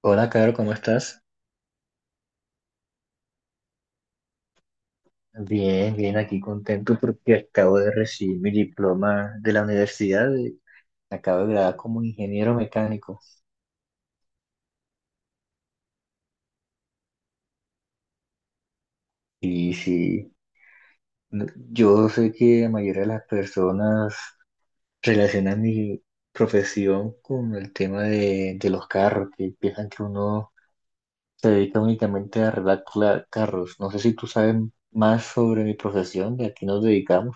Hola, Caro, ¿cómo estás? Bien, bien, aquí contento porque acabo de recibir mi diploma de la universidad. Acabo de graduar como ingeniero mecánico. Y sí, yo sé que la mayoría de las personas relacionan mi profesión con el tema de los carros, que piensan que uno se dedica únicamente a arreglar carros. No sé si tú sabes más sobre mi profesión, de a qué nos dedicamos.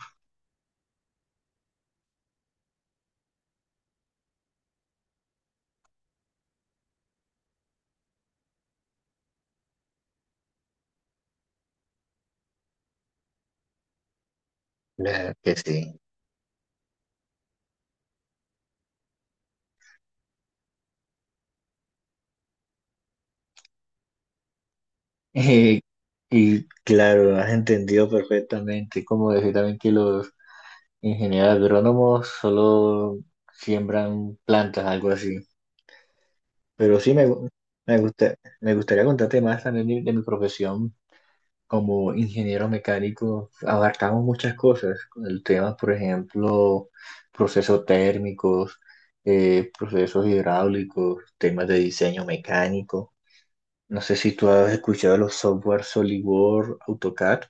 Claro que sí. Eh, y claro, has entendido perfectamente, como decir también que los ingenieros agrónomos solo siembran plantas, algo así. Pero sí me gusta, me gustaría contarte más también de mi profesión como ingeniero mecánico. Abarcamos muchas cosas, con el tema, por ejemplo, procesos térmicos, procesos hidráulicos, temas de diseño mecánico. No sé si tú has escuchado los software SolidWorks, AutoCAD.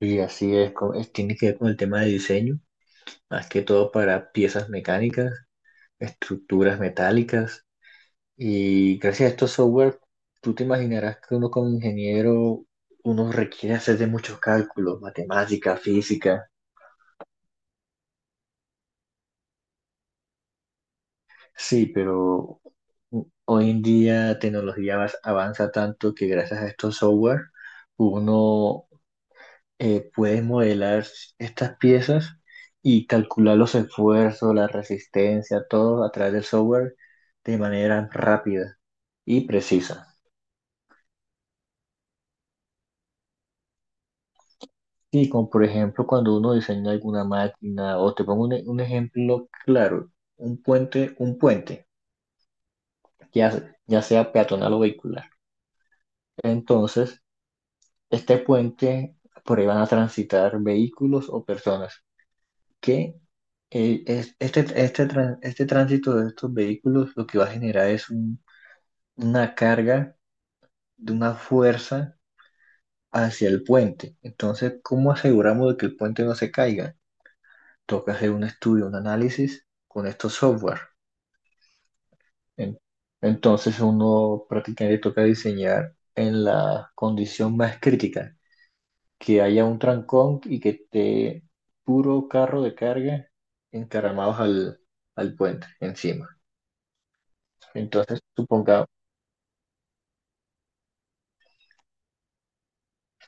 Y así es, tiene que ver con el tema de diseño, más que todo para piezas mecánicas, estructuras metálicas. Y gracias a estos software, tú te imaginarás que uno como ingeniero, uno requiere hacer de muchos cálculos, matemática, física. Sí, pero hoy en día la tecnología avanza tanto que gracias a estos software, uno puedes modelar estas piezas y calcular los esfuerzos, la resistencia, todo a través del software de manera rápida y precisa. Y como por ejemplo cuando uno diseña alguna máquina, o te pongo un ejemplo claro, un puente, ya, ya sea peatonal o vehicular. Entonces, este puente, por ahí van a transitar vehículos o personas. ¿Qué este tránsito de estos vehículos lo que va a generar es una carga de una fuerza hacia el puente? Entonces, ¿cómo aseguramos de que el puente no se caiga? Toca hacer un estudio, un análisis con estos software. En- Entonces, uno prácticamente toca diseñar en la condición más crítica, que haya un trancón y que esté puro carro de carga encaramados al puente encima. Entonces, supongamos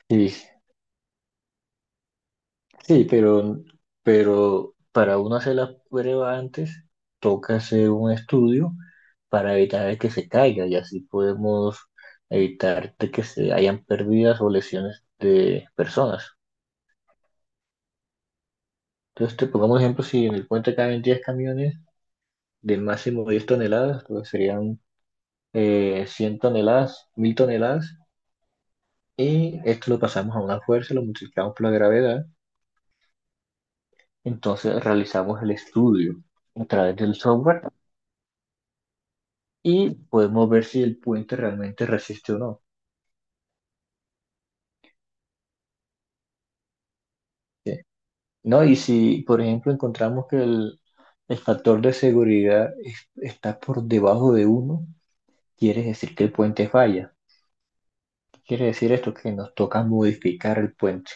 sí, sí, pero para uno hacer la prueba antes, toca hacer un estudio para evitar de que se caiga y así podemos evitar de que se hayan pérdidas o lesiones de personas. Entonces, te pongamos un ejemplo, si en el puente caben 10 camiones de máximo 10 toneladas, pues serían 100 toneladas, 1000 toneladas, y esto lo pasamos a una fuerza, lo multiplicamos por la gravedad, entonces realizamos el estudio a través del software y podemos ver si el puente realmente resiste o no. ¿Sí? ¿No? Y si, por ejemplo, encontramos que el factor de seguridad está por debajo de uno, quiere decir que el puente falla. ¿Qué quiere decir esto? Que nos toca modificar el puente.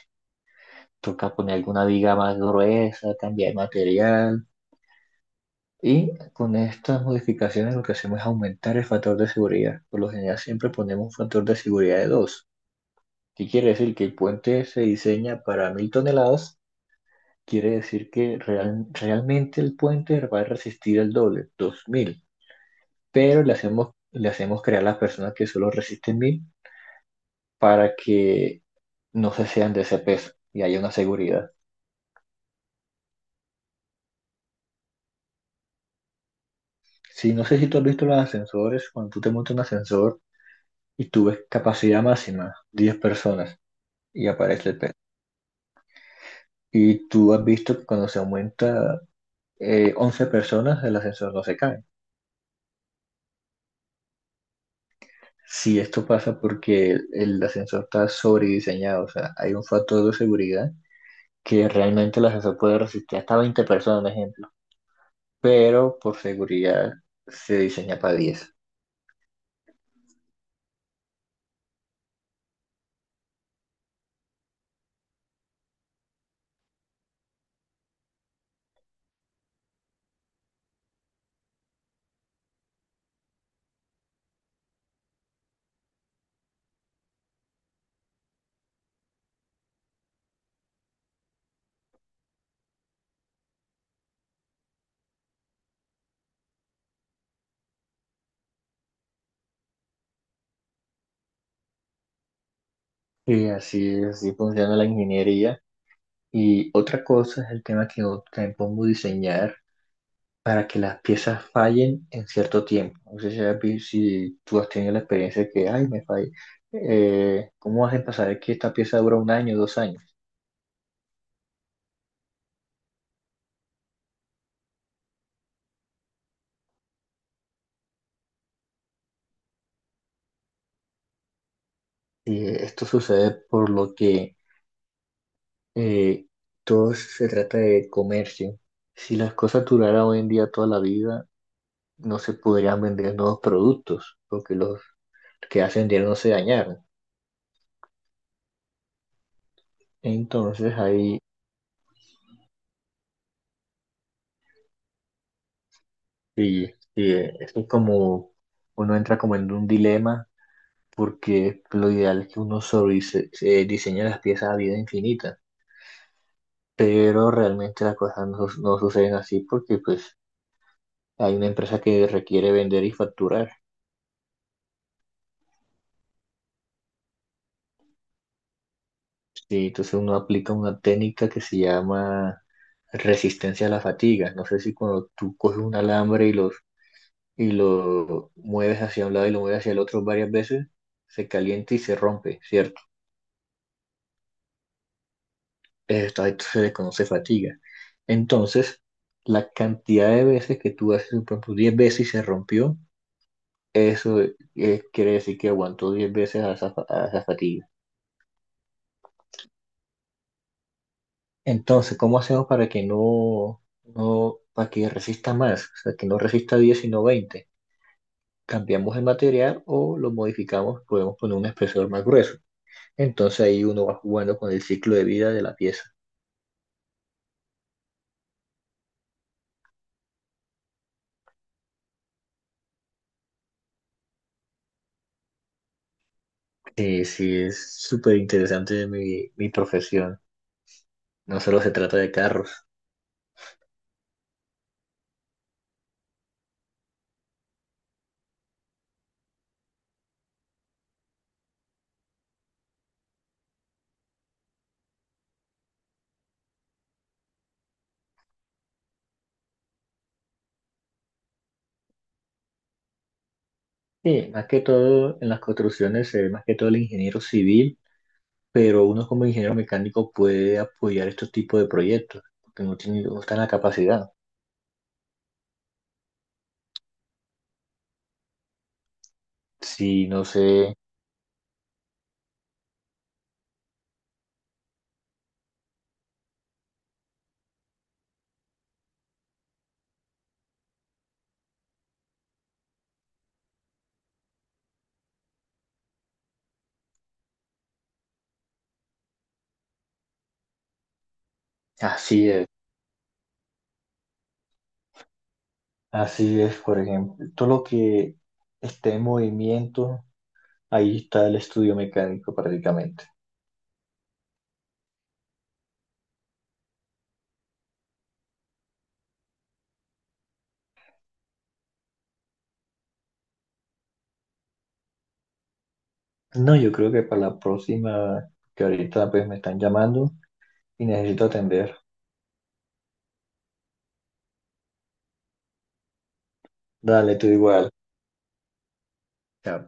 Toca poner alguna viga más gruesa, cambiar material. Y con estas modificaciones lo que hacemos es aumentar el factor de seguridad. Por lo general siempre ponemos un factor de seguridad de dos. ¿Qué quiere decir? Que el puente se diseña para 1000 toneladas. Quiere decir que realmente el puente va a resistir el doble, 2000, pero le hacemos creer a las personas que solo resisten 1000 para que no se sean de ese peso y haya una seguridad. Sí, no sé si tú has visto los ascensores, cuando tú te montas en un ascensor y tú ves capacidad máxima, diez personas, y aparece el peso. Y tú has visto que cuando se aumenta 11 personas, el ascensor no se cae. Sí, esto pasa porque ascensor está sobrediseñado, o sea, hay un factor de seguridad que realmente el ascensor puede resistir hasta 20 personas, por ejemplo, pero por seguridad se diseña para 10. Y así, es, así funciona la ingeniería. Y otra cosa es el tema que yo también pongo diseñar para que las piezas fallen en cierto tiempo. No sé si, si tú has tenido la experiencia de que, ay, me fallé. ¿Cómo hacen para saber que esta pieza dura un año, dos años? Sí, esto sucede por lo que eh, todo se trata de comercio. Si las cosas duraran hoy en día toda la vida, no se podrían vender nuevos productos, porque los que hace vendieron no se dañaron. Entonces ahí sí, sí, esto es como uno entra como en un dilema, porque lo ideal es que uno sobre se diseña las piezas a vida infinita, pero realmente las cosas no suceden así porque pues hay una empresa que requiere vender y facturar. Sí, entonces uno aplica una técnica que se llama resistencia a la fatiga. No sé si cuando tú coges un alambre y lo mueves hacia un lado y lo mueves hacia el otro varias veces, se calienta y se rompe, ¿cierto? Esto, a esto se le conoce fatiga. Entonces, la cantidad de veces que tú haces, por ejemplo, 10 veces y se rompió, eso quiere decir que aguantó 10 veces a a esa fatiga. Entonces, ¿cómo hacemos para que no, no, para que resista más? O sea, ¿que no resista 10 sino 20? Cambiamos el material o lo modificamos, podemos poner un espesor más grueso. Entonces ahí uno va jugando con el ciclo de vida de la pieza. Que sí es súper interesante mi profesión. No solo se trata de carros. Sí, más que todo en las construcciones se ve más que todo el ingeniero civil, pero uno como ingeniero mecánico puede apoyar estos tipos de proyectos, porque no tiene, no está en la capacidad. Sí, no sé. Así es, así es, por ejemplo, todo lo que esté en movimiento, ahí está el estudio mecánico prácticamente. No, yo creo que para la próxima, que ahorita pues me están llamando y necesito atender. Dale, tú igual. Chao.